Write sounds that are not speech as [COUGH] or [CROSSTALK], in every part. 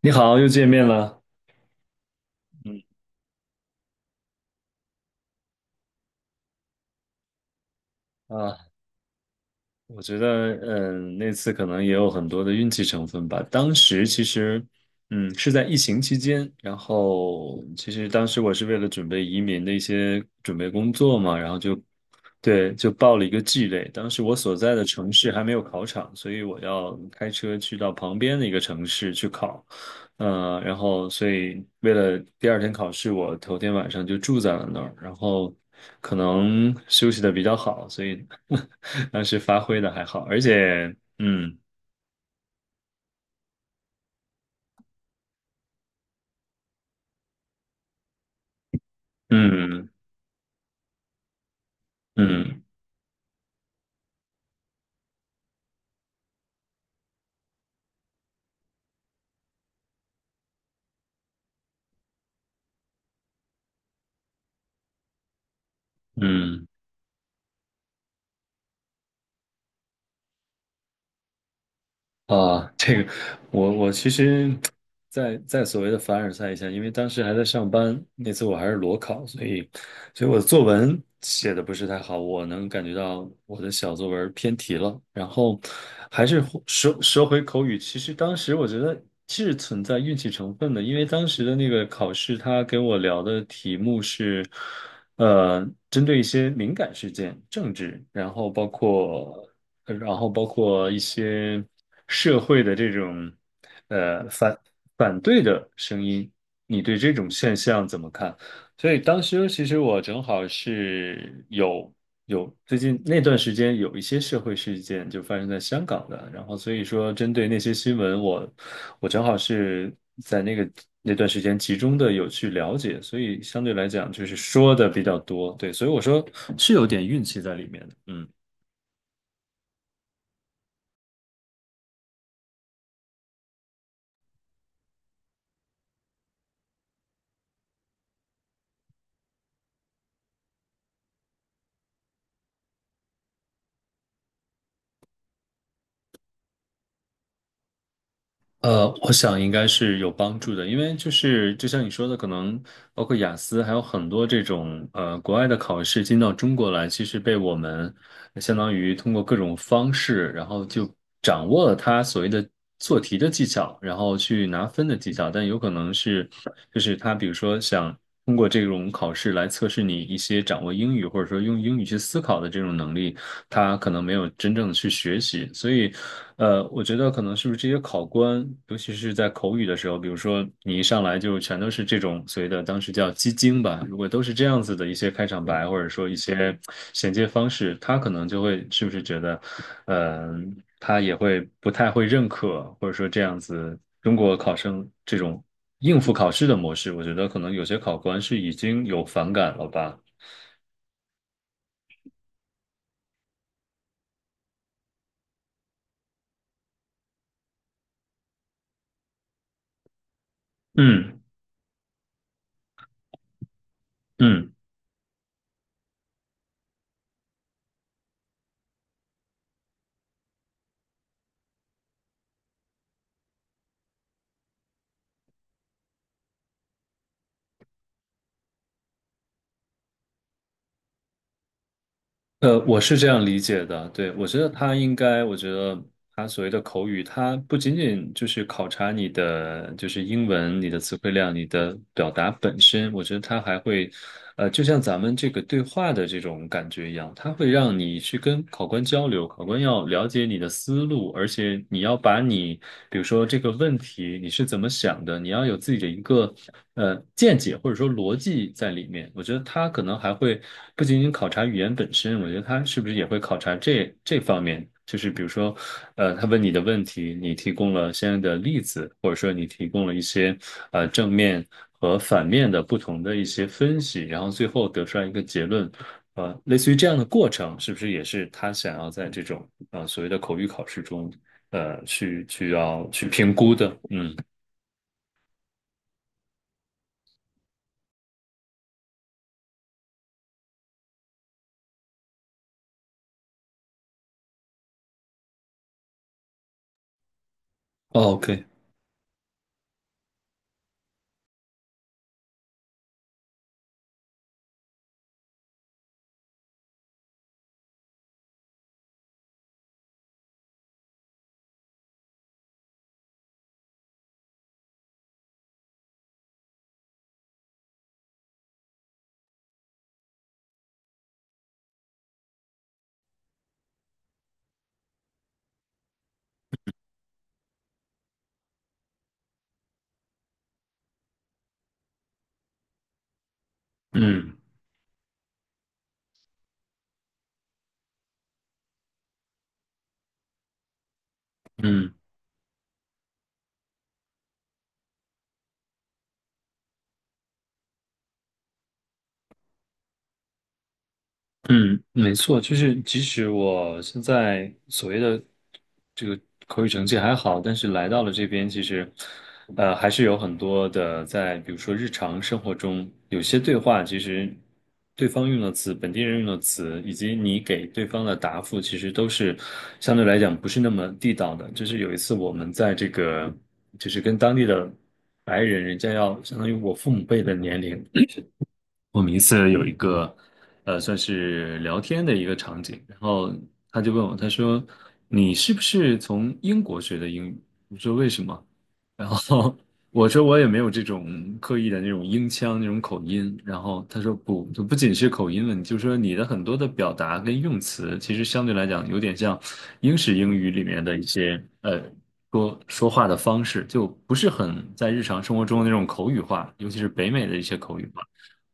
你好，又见面了。嗯，啊！我觉得，那次可能也有很多的运气成分吧。当时其实，嗯，是在疫情期间，然后其实当时我是为了准备移民的一些准备工作嘛，然后就，对，就报了一个 G 类。当时我所在的城市还没有考场，所以我要开车去到旁边的一个城市去考。然后所以为了第二天考试，我头天晚上就住在了那儿，然后可能休息的比较好，所以 [LAUGHS] 当时发挥的还好，而且，嗯嗯嗯嗯，啊，这个我其实在所谓的凡尔赛一下，因为当时还在上班，那次我还是裸考，所以我的作文写的不是太好，我能感觉到我的小作文偏题了。然后还是说回口语，其实当时我觉得是存在运气成分的，因为当时的那个考试，他给我聊的题目是，呃，针对一些敏感事件、政治，然后包括。然后包括一些社会的这种呃反反对的声音，你对这种现象怎么看？所以当时其实我正好是有最近那段时间有一些社会事件就发生在香港的，然后所以说针对那些新闻我，我正好是在那段时间集中的有去了解，所以相对来讲就是说的比较多，对，所以我说是有点运气在里面的。嗯，我想应该是有帮助的，因为就是就像你说的，可能包括雅思，还有很多这种国外的考试进到中国来，其实被我们相当于通过各种方式，然后就掌握了它所谓的做题的技巧，然后去拿分的技巧，但有可能是就是他比如说想。通过这种考试来测试你一些掌握英语或者说用英语去思考的这种能力，他可能没有真正的去学习。所以，我觉得可能是不是这些考官，尤其是在口语的时候，比如说你一上来就全都是这种所谓的当时叫鸡精吧，如果都是这样子的一些开场白或者说一些衔接方式，他可能就会是不是觉得，他也会不太会认可，或者说这样子中国考生这种。应付考试的模式，我觉得可能有些考官是已经有反感了吧。嗯嗯，我是这样理解的。对，我觉得他应该，我觉得他所谓的口语，他不仅仅就是考察你的就是英文、你的词汇量、你的表达本身，我觉得他还会，就像咱们这个对话的这种感觉一样，他会让你去跟考官交流，考官要了解你的思路，而且你要把你，比如说这个问题。题，你是怎么想的？你要有自己的一个见解或者说逻辑在里面。我觉得他可能还会不仅仅考察语言本身，我觉得他是不是也会考察这方面？就是比如说，他问你的问题，你提供了相应的例子，或者说你提供了一些正面和反面的不同的一些分析，然后最后得出来一个结论。类似于这样的过程，是不是也是他想要在这种所谓的口语考试中呃去去要去评估的。嗯 o k 嗯嗯，嗯，没错，就是即使我现在所谓的这个口语成绩还好，但是来到了这边，其实还是有很多的在，比如说日常生活中，有些对话其实对方用的词、本地人用的词，以及你给对方的答复，其实都是相对来讲不是那么地道的。就是有一次我们在这个就是跟当地的白人，人家要相当于我父母辈的年龄。我们一次有一个，算是聊天的一个场景，然后他就问我，他说：“你是不是从英国学的英语？”我说：“为什么？”然后 [LAUGHS] 我说：“我也没有这种刻意的那种英腔那种口音。”然后他说：“不，就不仅是口音问题，就是说你的很多的表达跟用词，其实相对来讲有点像英式英语里面的一些说话的方式，就不是很在日常生活中的那种口语化，尤其是北美的一些口语化。”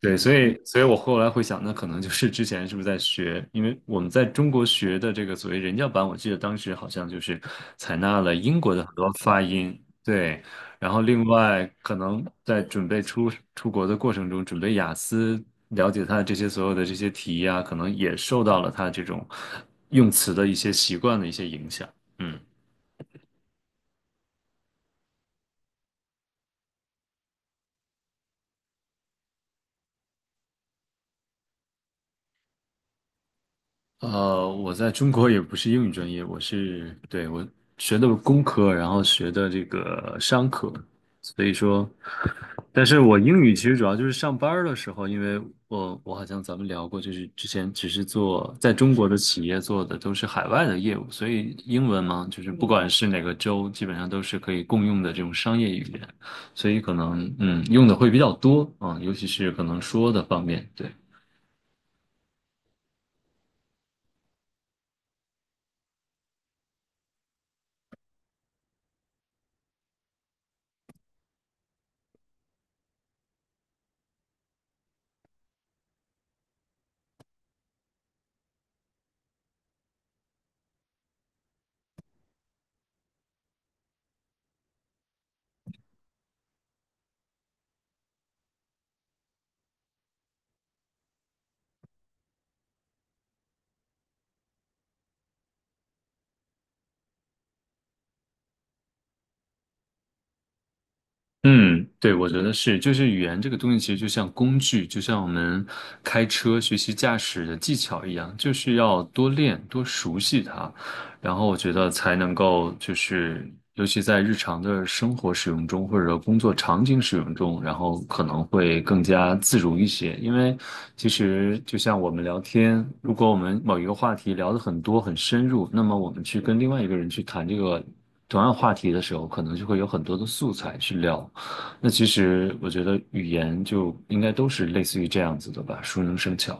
对，所以我后来会想，那可能就是之前是不是在学？因为我们在中国学的这个所谓人教版，我记得当时好像就是采纳了英国的很多发音，对。然后另外，可能在准备出国的过程中，准备雅思，了解它这些所有的这些题呀、可能也受到了他这种用词的一些习惯的一些影响。嗯。我在中国也不是英语专业，我是，对，我学的工科，然后学的这个商科，所以说，但是我英语其实主要就是上班儿的时候，因为我好像咱们聊过，就是之前只是做在中国的企业做的都是海外的业务，所以英文嘛，就是不管是哪个州，基本上都是可以共用的这种商业语言，所以可能用的会比较多啊，尤其是可能说的方面，对。嗯，对，我觉得是，就是语言这个东西，其实就像工具，就像我们开车学习驾驶的技巧一样，就是要多练、多熟悉它，然后我觉得才能够，就是尤其在日常的生活使用中，或者工作场景使用中，然后可能会更加自如一些。因为其实就像我们聊天，如果我们某一个话题聊得很多、很深入，那么我们去跟另外一个人去谈这个。同样话题的时候，可能就会有很多的素材去聊，那其实我觉得语言就应该都是类似于这样子的吧，熟能生巧。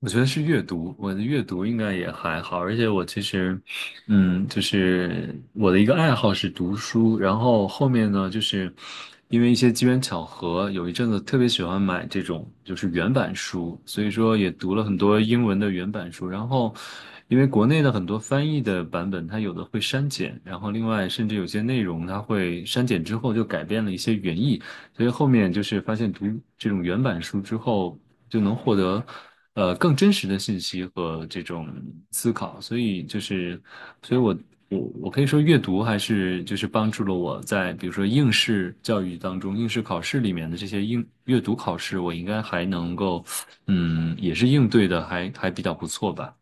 我觉得是阅读，我的阅读应该也还好，而且我其实，嗯，就是我的一个爱好是读书，然后后面呢，就是因为一些机缘巧合，有一阵子特别喜欢买这种就是原版书，所以说也读了很多英文的原版书，然后。因为国内的很多翻译的版本，它有的会删减，然后另外甚至有些内容它会删减之后就改变了一些原意，所以后面就是发现读这种原版书之后，就能获得更真实的信息和这种思考。所以就是，所以我我可以说阅读还是就是帮助了我在比如说应试教育当中、应试考试里面的这些应阅读考试，我应该还能够也是应对的还比较不错吧。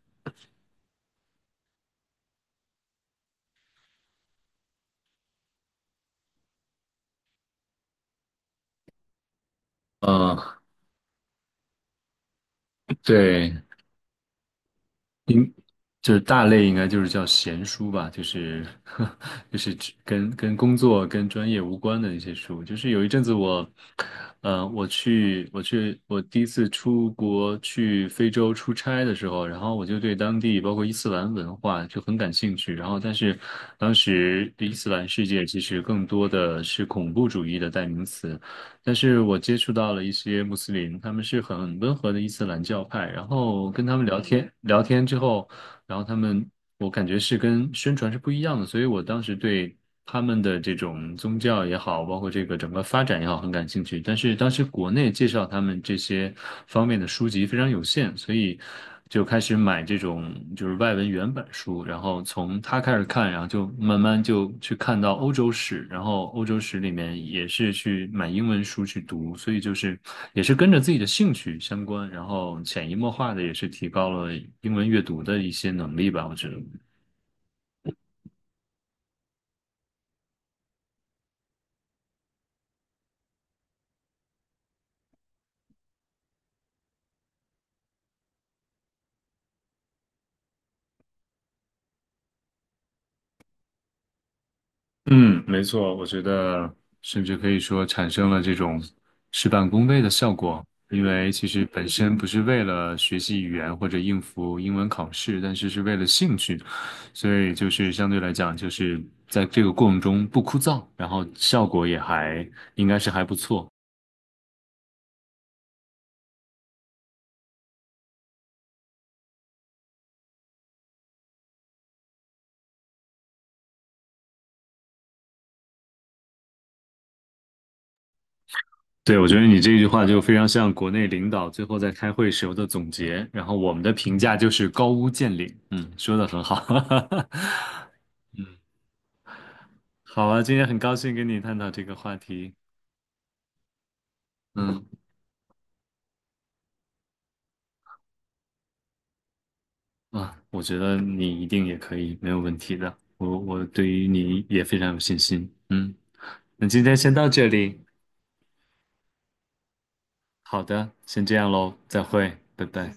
嗯，对，就是大类应该就是叫闲书吧，就是 [LAUGHS] 就是只跟工作跟专业无关的那些书。就是有一阵子我，我去我去我第一次出国去非洲出差的时候，然后我就对当地包括伊斯兰文化就很感兴趣。然后但是当时伊斯兰世界其实更多的是恐怖主义的代名词，但是我接触到了一些穆斯林，他们是很温和的伊斯兰教派，然后跟他们聊天之后。然后他们，我感觉是跟宣传是不一样的，所以我当时对他们的这种宗教也好，包括这个整个发展也好，很感兴趣。但是当时国内介绍他们这些方面的书籍非常有限，所以就开始买这种就是外文原本书，然后从他开始看，然后就慢慢就去看到欧洲史，然后欧洲史里面也是去买英文书去读，所以就是也是跟着自己的兴趣相关，然后潜移默化的也是提高了英文阅读的一些能力吧，我觉得。嗯，没错，我觉得甚至可以说产生了这种事半功倍的效果，因为其实本身不是为了学习语言或者应付英文考试，但是是为了兴趣，所以就是相对来讲，就是在这个过程中不枯燥，然后效果也还应该是还不错。对，我觉得你这句话就非常像国内领导最后在开会时候的总结，然后我们的评价就是高屋建瓴。嗯，说的很好。[LAUGHS] 嗯。好啊，今天很高兴跟你探讨这个话题。嗯啊，我觉得你一定也可以，没有问题的。我对于你也非常有信心。嗯，那今天先到这里。好的，先这样喽，再会，拜拜。